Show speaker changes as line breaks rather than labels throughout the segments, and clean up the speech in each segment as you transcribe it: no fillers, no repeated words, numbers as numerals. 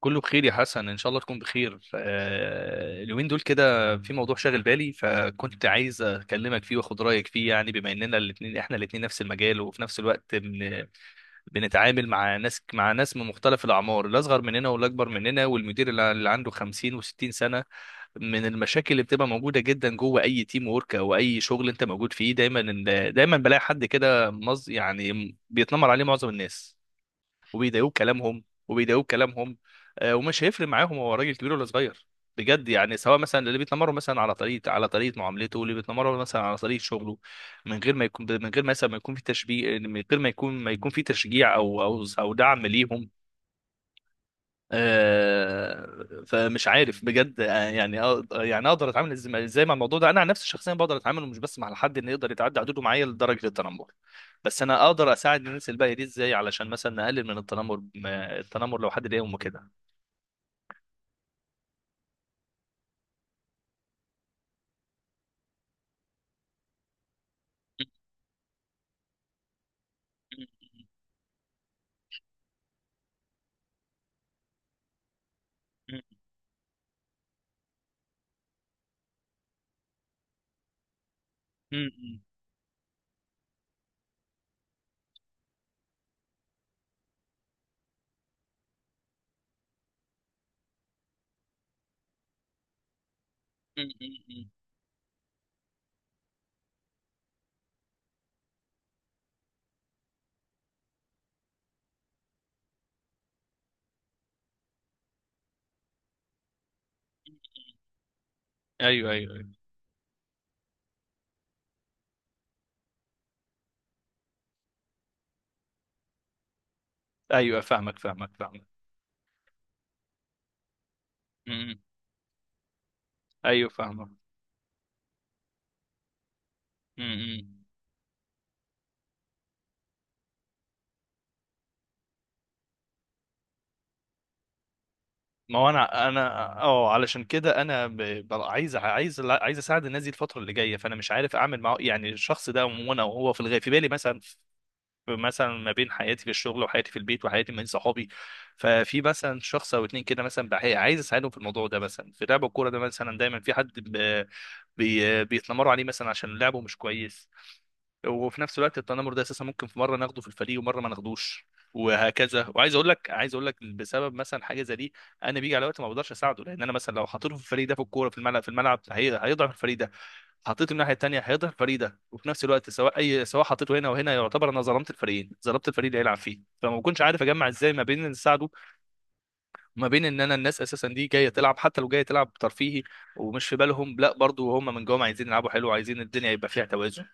كله بخير يا حسن، ان شاء الله تكون بخير. اليومين دول كده في موضوع شاغل بالي، فكنت عايز اكلمك فيه واخد رايك فيه. يعني بما اننا احنا الاثنين نفس المجال، وفي نفس الوقت بنتعامل مع ناس من مختلف الاعمار، الاصغر مننا والاكبر مننا، والمدير اللي عنده 50 و60 سنه. من المشاكل اللي بتبقى موجوده جدا جوه اي تيم ورك او اي شغل انت موجود فيه، دايما بلاقي حد كده يعني بيتنمر عليه معظم الناس، وبيضايقوه كلامهم. ومش هيفرق معاهم هو راجل كبير ولا صغير، بجد. يعني سواء مثلا اللي بيتنمروا مثلا على طريقه معاملته، واللي بيتنمروا مثلا على طريقه شغله، من غير مثلا ما يكون في تشبيه، من غير ما يكون في تشجيع او دعم ليهم. فمش عارف بجد. يعني يعني اقدر اتعامل ازاي مع الموضوع ده. انا عن نفسي شخصيا بقدر اتعامل، مش بس مع حد انه يقدر يتعدى حدوده معايا لدرجه التنمر، بس انا اقدر اساعد الناس الباقيه دي ازاي علشان مثلا نقلل من التنمر. التنمر لو حد ضايق امه كده. ايوه، ايوه، ايوه، ايوه، فاهمك، فاهمك، فاهمك. مم. ايوه، فاهمك. مم. ما هو انا، اه، علشان كده انا عايز اساعد الناس دي الفتره اللي جايه. فانا مش عارف اعمل معه يعني الشخص ده، وانا وهو في الغاية في بالي مثلا. في مثلا ما بين حياتي في الشغل وحياتي في البيت وحياتي من صحابي، ففي مثلا شخص او اتنين كده مثلا عايز اساعدهم في الموضوع ده. مثلا في لعب الكوره ده مثلا دايما في حد بيتنمروا عليه مثلا عشان لعبه مش كويس. وفي نفس الوقت التنمر ده اساسا ممكن في مره ناخده في الفريق ومره ما ناخدوش، وهكذا. وعايز اقول لك بسبب مثلا حاجه زي دي، انا بيجي على وقت ما بقدرش اساعده. لان انا مثلا لو حطيته في الفريق ده في الكوره في الملعب، هيضعف الفريق ده. حطيته الناحيه الثانيه هيضعف الفريق ده. وفي نفس الوقت سواء اي، سواء حطيته هنا وهنا، يعتبر انا ظلمت الفريقين، ظلمت الفريق اللي هيلعب فيه. فما بكونش عارف اجمع ازاي ما بين ان اساعده وما بين ان انا الناس اساسا دي جايه تلعب، حتى لو جايه تلعب ترفيهي، ومش في بالهم، لا برضو هم من جوه عايزين يلعبوا حلو وعايزين الدنيا يبقى فيها توازن.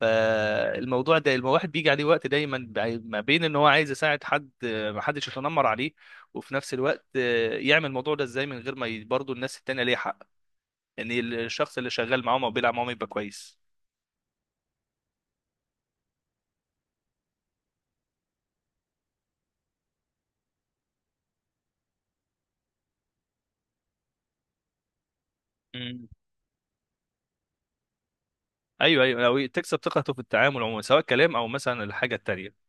فالموضوع ده الواحد بيجي عليه وقت دايما ما بين ان هو عايز يساعد حد ما حدش يتنمر عليه، وفي نفس الوقت يعمل الموضوع ده ازاي من غير ما برضه الناس التانية ليها حق ان الشخص اللي شغال معاهم او بيلعب معاهم يبقى كويس. مم. ايوه، ايوه، لو تكسب ثقته في التعامل عموما، سواء كلام او مثلا الحاجة التانية.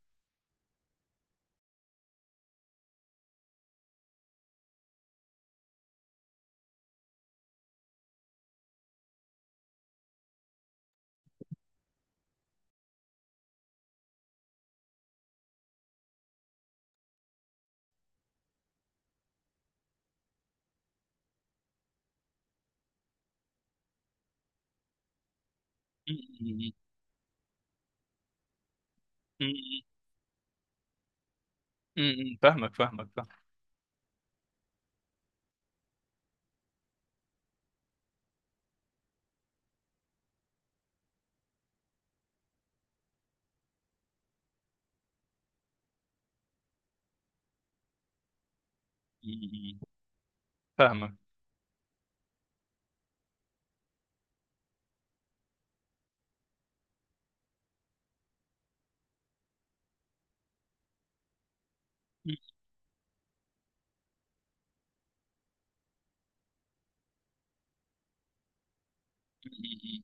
مم. مم. مم. فاهمك، فاهمك، فاهمك. مم. فاهمك. مم. مم.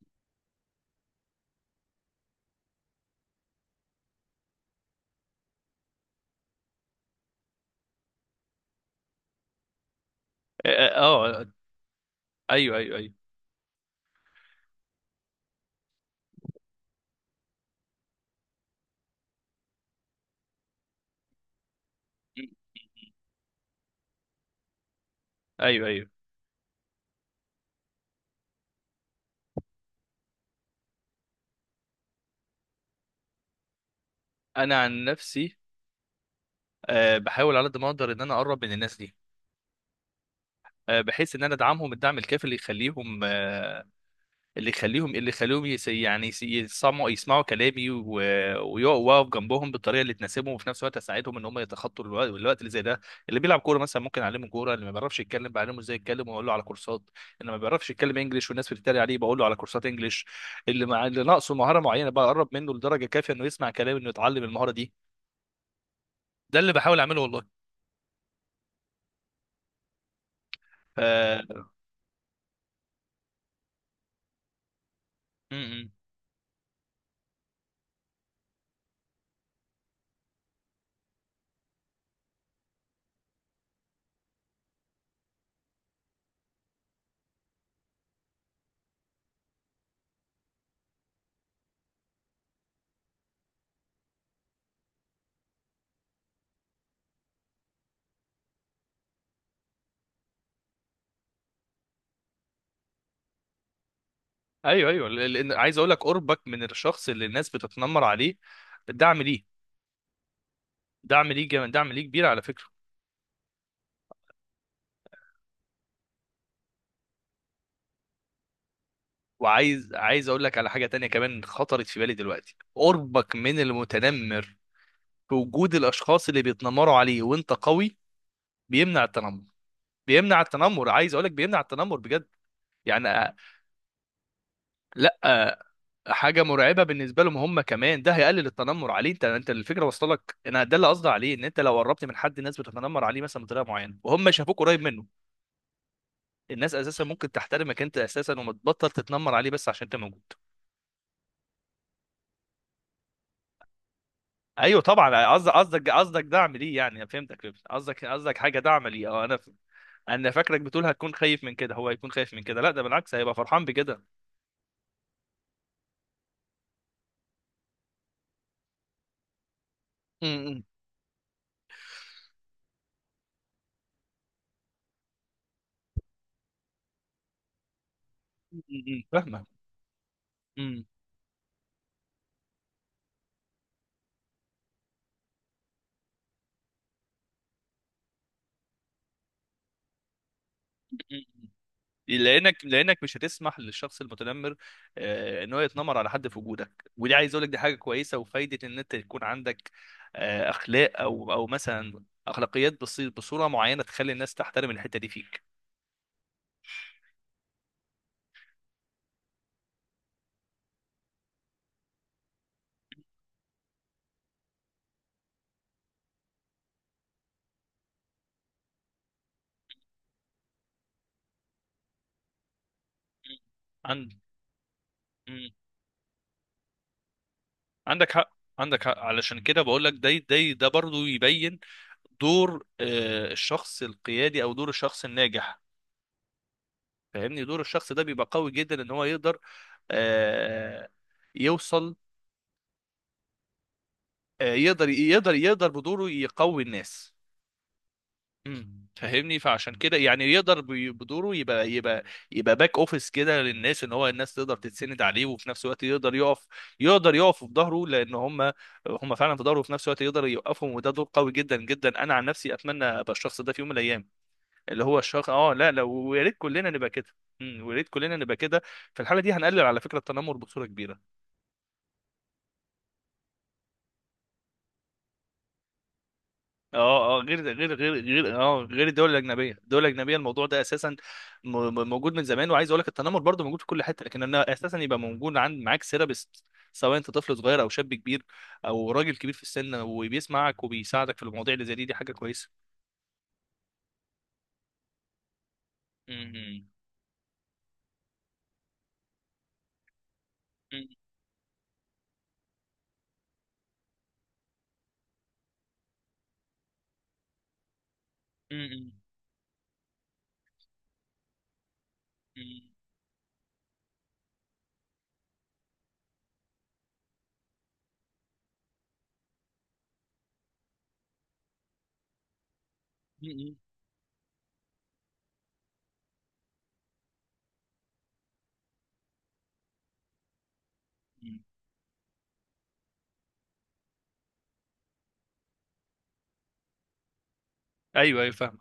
اه. ايوه، ايوه، ايوه، ايوه، ايوه. انا عن نفسي بحاول على قد ما اقدر ان انا اقرب من الناس دي، بحيث ان انا ادعمهم الدعم الكافي اللي يخليهم آه، اللي يخليهم اللي يخليهم يعني يسمعوا كلامي ويقفوا واقف جنبهم بالطريقه اللي تناسبهم، وفي نفس الوقت اساعدهم ان هم يتخطوا الوقت اللي زي ده. اللي بيلعب كوره مثلا ممكن اعلمه كوره، اللي ما بيعرفش يتكلم بعلمه ازاي يتكلم واقول له على كورسات، اللي ما بيعرفش يتكلم انجليش والناس بتتريق عليه بقول له على كورسات انجليش، اللي مع اللي ناقصه مهاره معينه بقرب منه لدرجه كافيه انه يسمع كلامي انه يتعلم المهاره دي. ده اللي بحاول اعمله والله. ف... م- م. ايوه، ايوه، لان عايز اقول لك قربك من الشخص اللي الناس بتتنمر عليه دعم ليه دعم ليه كبير على فكره. وعايز اقول لك على حاجه تانية كمان خطرت في بالي دلوقتي، قربك من المتنمر في وجود الاشخاص اللي بيتنمروا عليه وانت قوي بيمنع التنمر. بيمنع التنمر، عايز اقول لك بيمنع التنمر بجد. يعني لا. حاجه مرعبه بالنسبه لهم هم كمان، ده هيقلل التنمر عليه. انت، انت الفكره وصلت لك. انا ده اللي قصدي عليه، ان انت لو قربت من حد الناس بتتنمر عليه مثلا بطريقه معينه وهم شافوك قريب منه، الناس اساسا ممكن تحترمك انت اساسا ومتبطل تتنمر عليه بس عشان انت موجود. ايوه طبعا، قصدك دعم ليه. يعني أنا فهمتك، فهمت. قصدك قصدك حاجه، دعم ليه، اه. انا فاكرك بتقول هتكون خايف من كده، هو هيكون خايف من كده، لا ده بالعكس هيبقى فرحان بكده. امم. م- م- م. فاهمه. م. لانك مش هتسمح للشخص المتنمر ان هو يتنمر على حد في وجودك. ودي عايز اقول لك دي حاجه كويسه وفايده ان انت يكون عندك اخلاق او مثلا اخلاقيات، بصوره معينه تخلي الناس تحترم الحته دي فيك. مم. عند مم. عندك حق عندك حق، علشان كده بقول لك ده برضو يبين دور الشخص القيادي او دور الشخص الناجح. فاهمني، دور الشخص ده بيبقى قوي جدا ان هو يقدر آه، يوصل. يقدر بدوره يقوي الناس. فاهمني. فعشان كده يعني يقدر بدوره يبقى باك اوفيس كده للناس، ان هو الناس تقدر تتسند عليه، وفي نفس الوقت يقدر يقف في ظهره لان هم فعلا في ظهره، وفي نفس الوقت يقدر يوقفهم. وده دور قوي جدا جدا، انا عن نفسي اتمنى ابقى الشخص ده في يوم من الايام. اللي هو الشخص، اه، لا لا، ويا ريت كلنا نبقى كده. ويا ريت كلنا نبقى كده. في الحاله دي هنقلل على فكره التنمر بصوره كبيره. اه، اه، غير الدول الاجنبيه، الموضوع ده اساسا موجود من زمان. وعايز اقول لك التنمر برضه موجود في كل حته، لكن انه اساسا يبقى موجود عند، معاك سيرابيست سواء انت طفل صغير او شاب كبير او راجل كبير في السن، وبيسمعك وبيساعدك في المواضيع اللي زي دي، دي حاجه كويسه. م- م- م- م- م- م- م- م- م- ايوه، ايوه، فاهم.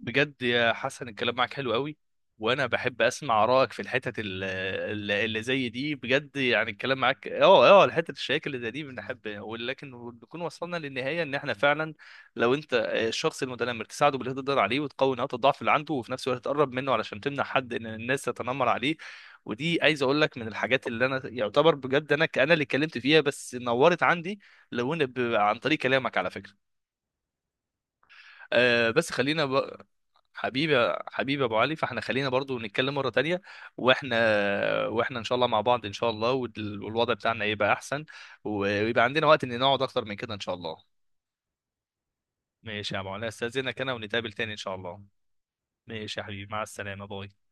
بجد يا حسن، الكلام معاك حلو قوي، وانا بحب اسمع ارائك في الحتت اللي زي دي، بجد. يعني الكلام معاك، اه، اه، الحتت الشياكه اللي زي دي بنحب. ولكن بنكون وصلنا للنهايه ان احنا فعلا لو انت الشخص المتنمر تساعده باللي تقدر عليه وتقوي نقاط الضعف اللي عنده، وفي نفس الوقت تقرب منه علشان تمنع حد ان الناس تتنمر عليه. ودي عايز اقول لك من الحاجات اللي انا يعتبر بجد، انا اللي اتكلمت فيها، بس نورت عندي. لو إن عن طريق كلامك على فكره. بس خلينا بقى. حبيبي، حبيبي يا ابو علي، فاحنا خلينا برضو نتكلم مره تانية. واحنا واحنا ان شاء الله مع بعض ان شاء الله، والوضع بتاعنا يبقى احسن، ويبقى عندنا وقت ان نقعد اكتر من كده ان شاء الله. ماشي يا ابو علي، استاذنك انا، ونتقابل تاني ان شاء الله. ماشي يا حبيبي، مع السلامه، باي.